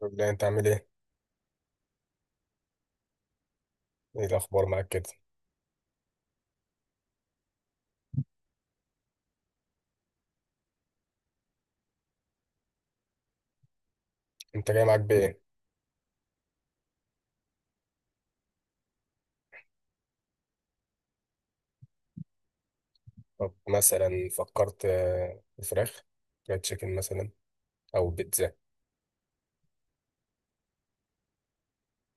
طب لا انت عامل ايه؟ ايه الاخبار معاك كده؟ انت جاي معاك بايه؟ طب مثلا فكرت في فراخ فرايد تشيكن مثلا، او بيتزا.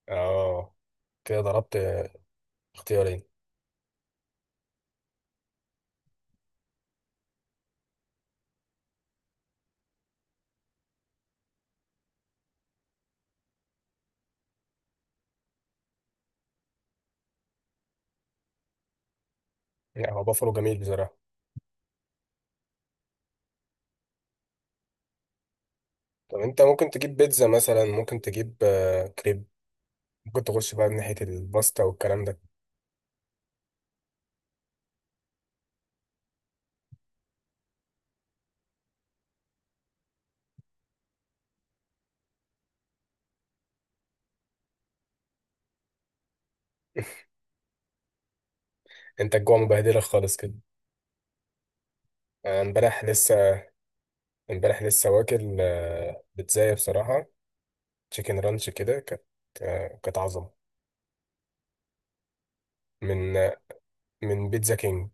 اه، كده ضربت اختيارين. يعني هو بافلو جميل بصراحه. طب انت ممكن تجيب بيتزا مثلا، ممكن تجيب كريب، ممكن تخش بقى من ناحيه الباستا والكلام ده. انت الجوع مبهدلك خالص كده. انا امبارح لسه امبارح لسه واكل بيتزايه بصراحه، تشيكن رانش كده كانت كانت عظمه. من من بيتزا كينج.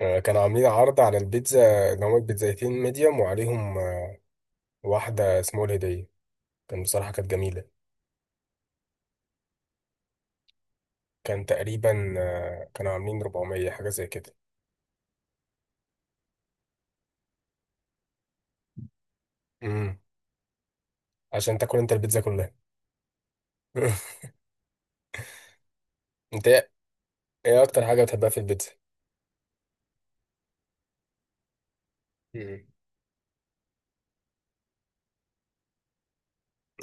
كانوا عاملين عرض على البيتزا اللي هما البيتزايتين ميديوم، وعليهم واحدة اسمها الهدية، كان بصراحة كانت جميلة. كان تقريبا كانوا عاملين 400 حاجة زي كده. امم. عشان تاكل انت البيتزا كلها. انت ايه إيه اكتر حاجة بتحبها في البيتزا؟ امم.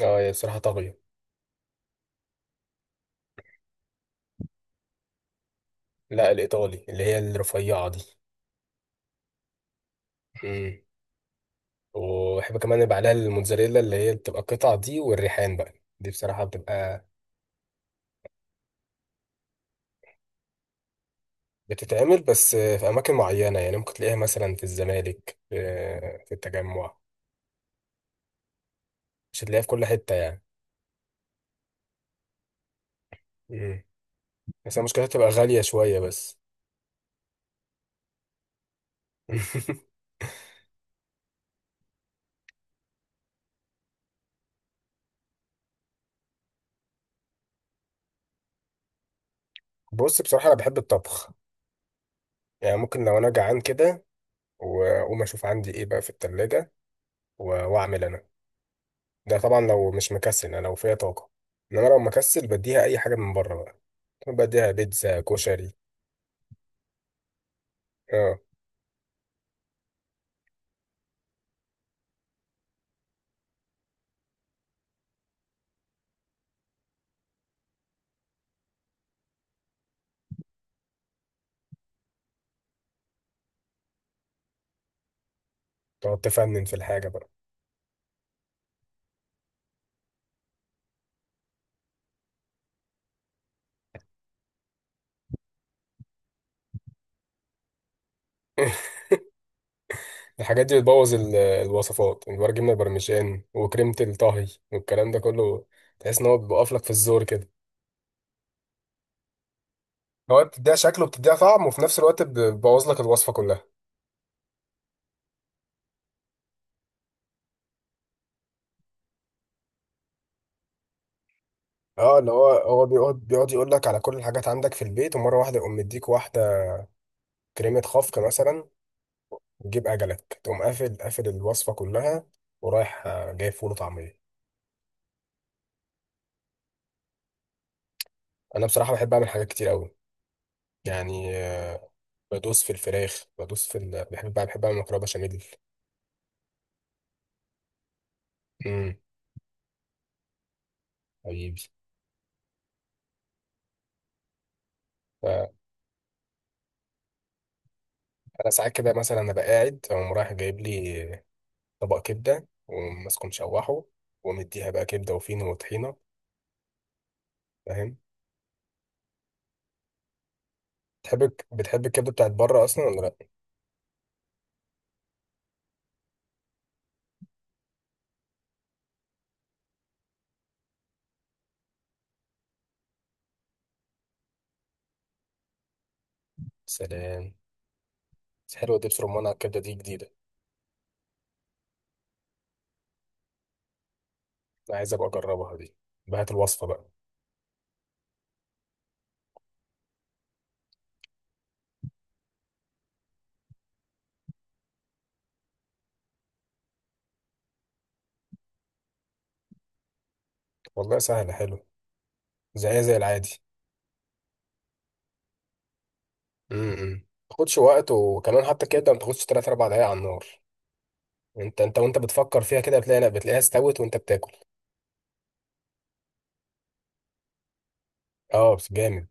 اه، هي بصراحة طاغية. لا، الإيطالي اللي هي الرفيعة دي. امم. وبحب كمان يبقى عليها الموتزاريلا اللي هي بتبقى القطع دي والريحان بقى. دي بصراحة بتبقى بتتعمل بس في أماكن معينة، يعني ممكن تلاقيها مثلا في الزمالك، في التجمع. مش هتلاقيها في كل حتة يعني. مم. بس هي مشكلتها تبقى غالية شوية بس. بص، بصراحة أنا بحب الطبخ. يعني ممكن لو أنا جعان كده وأقوم أشوف عندي إيه بقى في التلاجة، و- وأعمل أنا، ده طبعا لو مش مكسل، أنا لو فيا طاقة. إنما لو مكسل بديها أي حاجة من بره بقى، بديها بيتزا، كشري. أه. تقعد تفنن في الحاجة بقى. الحاجات دي بتبوظ الوصفات، الورق جبنة، البرمجان وكريمة الطهي والكلام ده كله. تحس ان هو بيوقف لك في الزور كده. هو بتديها شكل وبتديها طعم وفي نفس الوقت بتبوظ لك الوصفة كلها. اه، اللي هو بيقعد يقول لك على كل الحاجات عندك في البيت، ومرة واحدة يقوم مديك واحدة كريمة خفق مثلا. تجيب أجلك تقوم قافل الوصفة كلها، ورايح جايب فول وطعمية. أنا بصراحة بحب أعمل حاجات كتير أوي. يعني بدوس في الفراخ، بحب أعمل مكرونة بشاميل. امم. حبيبي. انا ساعات كده مثلا انا قاعد اقوم رايح جايب لي طبق كبده وماسكه مشوحه، ومديها بقى كبده وفينو وطحينه، فاهم. بتحب الكبده بتاعت بره اصلا ولا لا؟ سلام. بس حلوه دبس رمان على الكبده دي، جديده. انا عايز ابقى اجربها دي، بهات الوصفه بقى. والله سهله، حلو، زيها زي العادي. امم. ما تاخدش وقت، وكمان حتى الكبده ما تاخدش 3 4 دقايق على النار. انت وانت بتفكر فيها كده بتلاقي، لا بتلاقيها استوت وانت بتاكل. اه، بس جامد،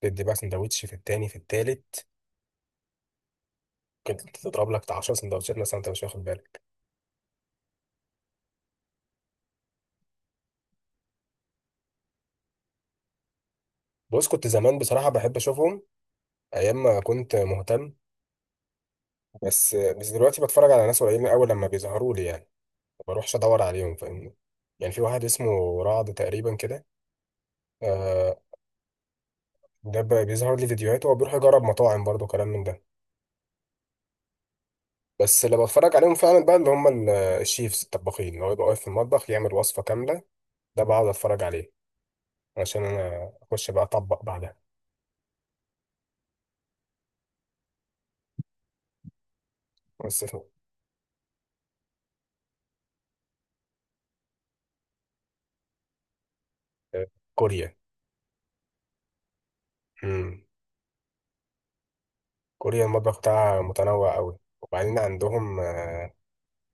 تدي بقى سندوتش في التاني في التالت، كنت تضرب لك بتاع 10 سندوتشات مثلا انت مش واخد بالك. بص، كنت زمان بصراحه بحب اشوفهم ايام ما كنت مهتم. بس دلوقتي بتفرج على ناس قليلين قوي لما بيظهروا لي يعني، ما بروحش ادور عليهم فاهمني. يعني في واحد اسمه رعد تقريبا كده، آه. ده بيظهر لي فيديوهاته وبيروح يجرب مطاعم برضه كلام من ده. بس اللي بتفرج عليهم فعلا بقى اللي هم الشيفز الطباخين، اللي هو يبقى واقف في المطبخ يعمل وصفه كامله، ده بقعد اتفرج عليه عشان انا اخش بقى اطبق بعدها. بس آه، كوريا. مم. كوريا المطبخ بتاعها متنوع قوي، وبعدين عندهم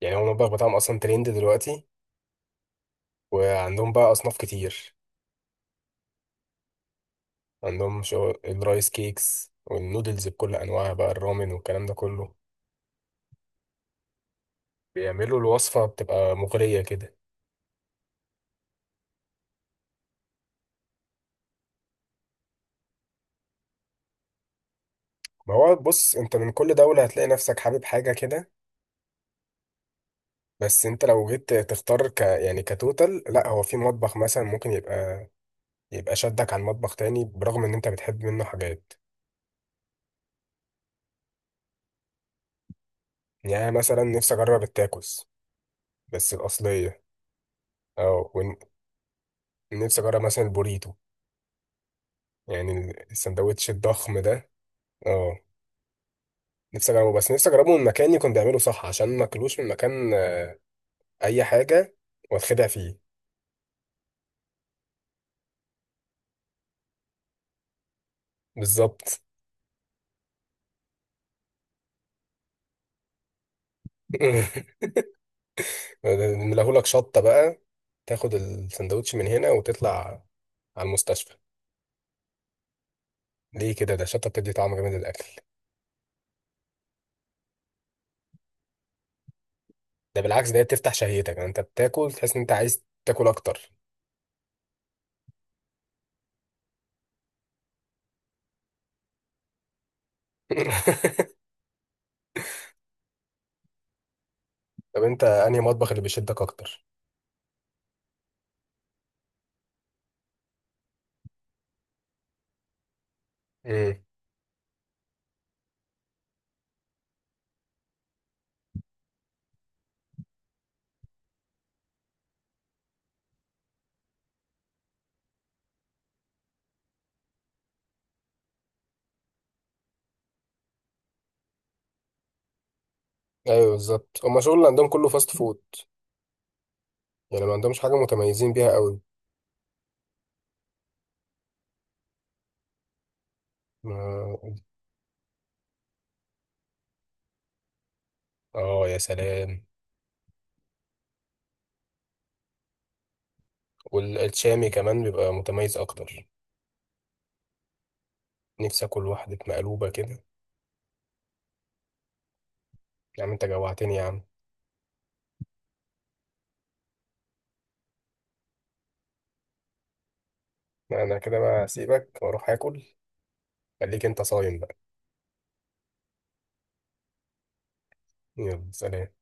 يعني هو المطبخ بتاعهم اصلا ترند دلوقتي، وعندهم بقى اصناف كتير، عندهم شو الرايس كيكس والنودلز بكل انواعها بقى، الرامن والكلام ده كله، بيعملوا الوصفة بتبقى مغرية كده. ما هو بص، انت من كل دولة هتلاقي نفسك حابب حاجة كده. بس انت لو جيت تختار يعني كتوتال، لا، هو في مطبخ مثلا ممكن يبقى شدك عن مطبخ تاني برغم ان انت بتحب منه حاجات. يعني أنا مثلا نفسي اجرب التاكوس، بس الاصلية. اه. ونفسي اجرب مثلا البوريتو، يعني السندوتش الضخم ده. اه، نفسي اجربه، بس نفسي اجربه من مكان يكون بيعمله صح عشان ما اكلوش من مكان اي حاجه واتخدع فيه. بالظبط. نلاهولك شطه بقى، تاخد السندوتش من هنا وتطلع على المستشفى. ليه كده؟ ده الشطه بتدي طعم جامد للاكل. ده بالعكس، ده هي بتفتح شهيتك، يعني انت بتاكل تحس ان انت عايز تاكل اكتر. طب انت انهي مطبخ اللي بيشدك اكتر؟ مم. ايوه بالظبط، هما الشغل اللي عندهم كله فاست فود، يعني ما عندهمش حاجه متميزين بيها قوي. ما- اه، يا سلام. والشامي كمان بيبقى متميز اكتر، نفسي اكل واحده مقلوبه كده. يا عم انت جوعتني يا عم. انا كده بقى اسيبك واروح اكل، خليك انت صايم بقى. يلا، سلام.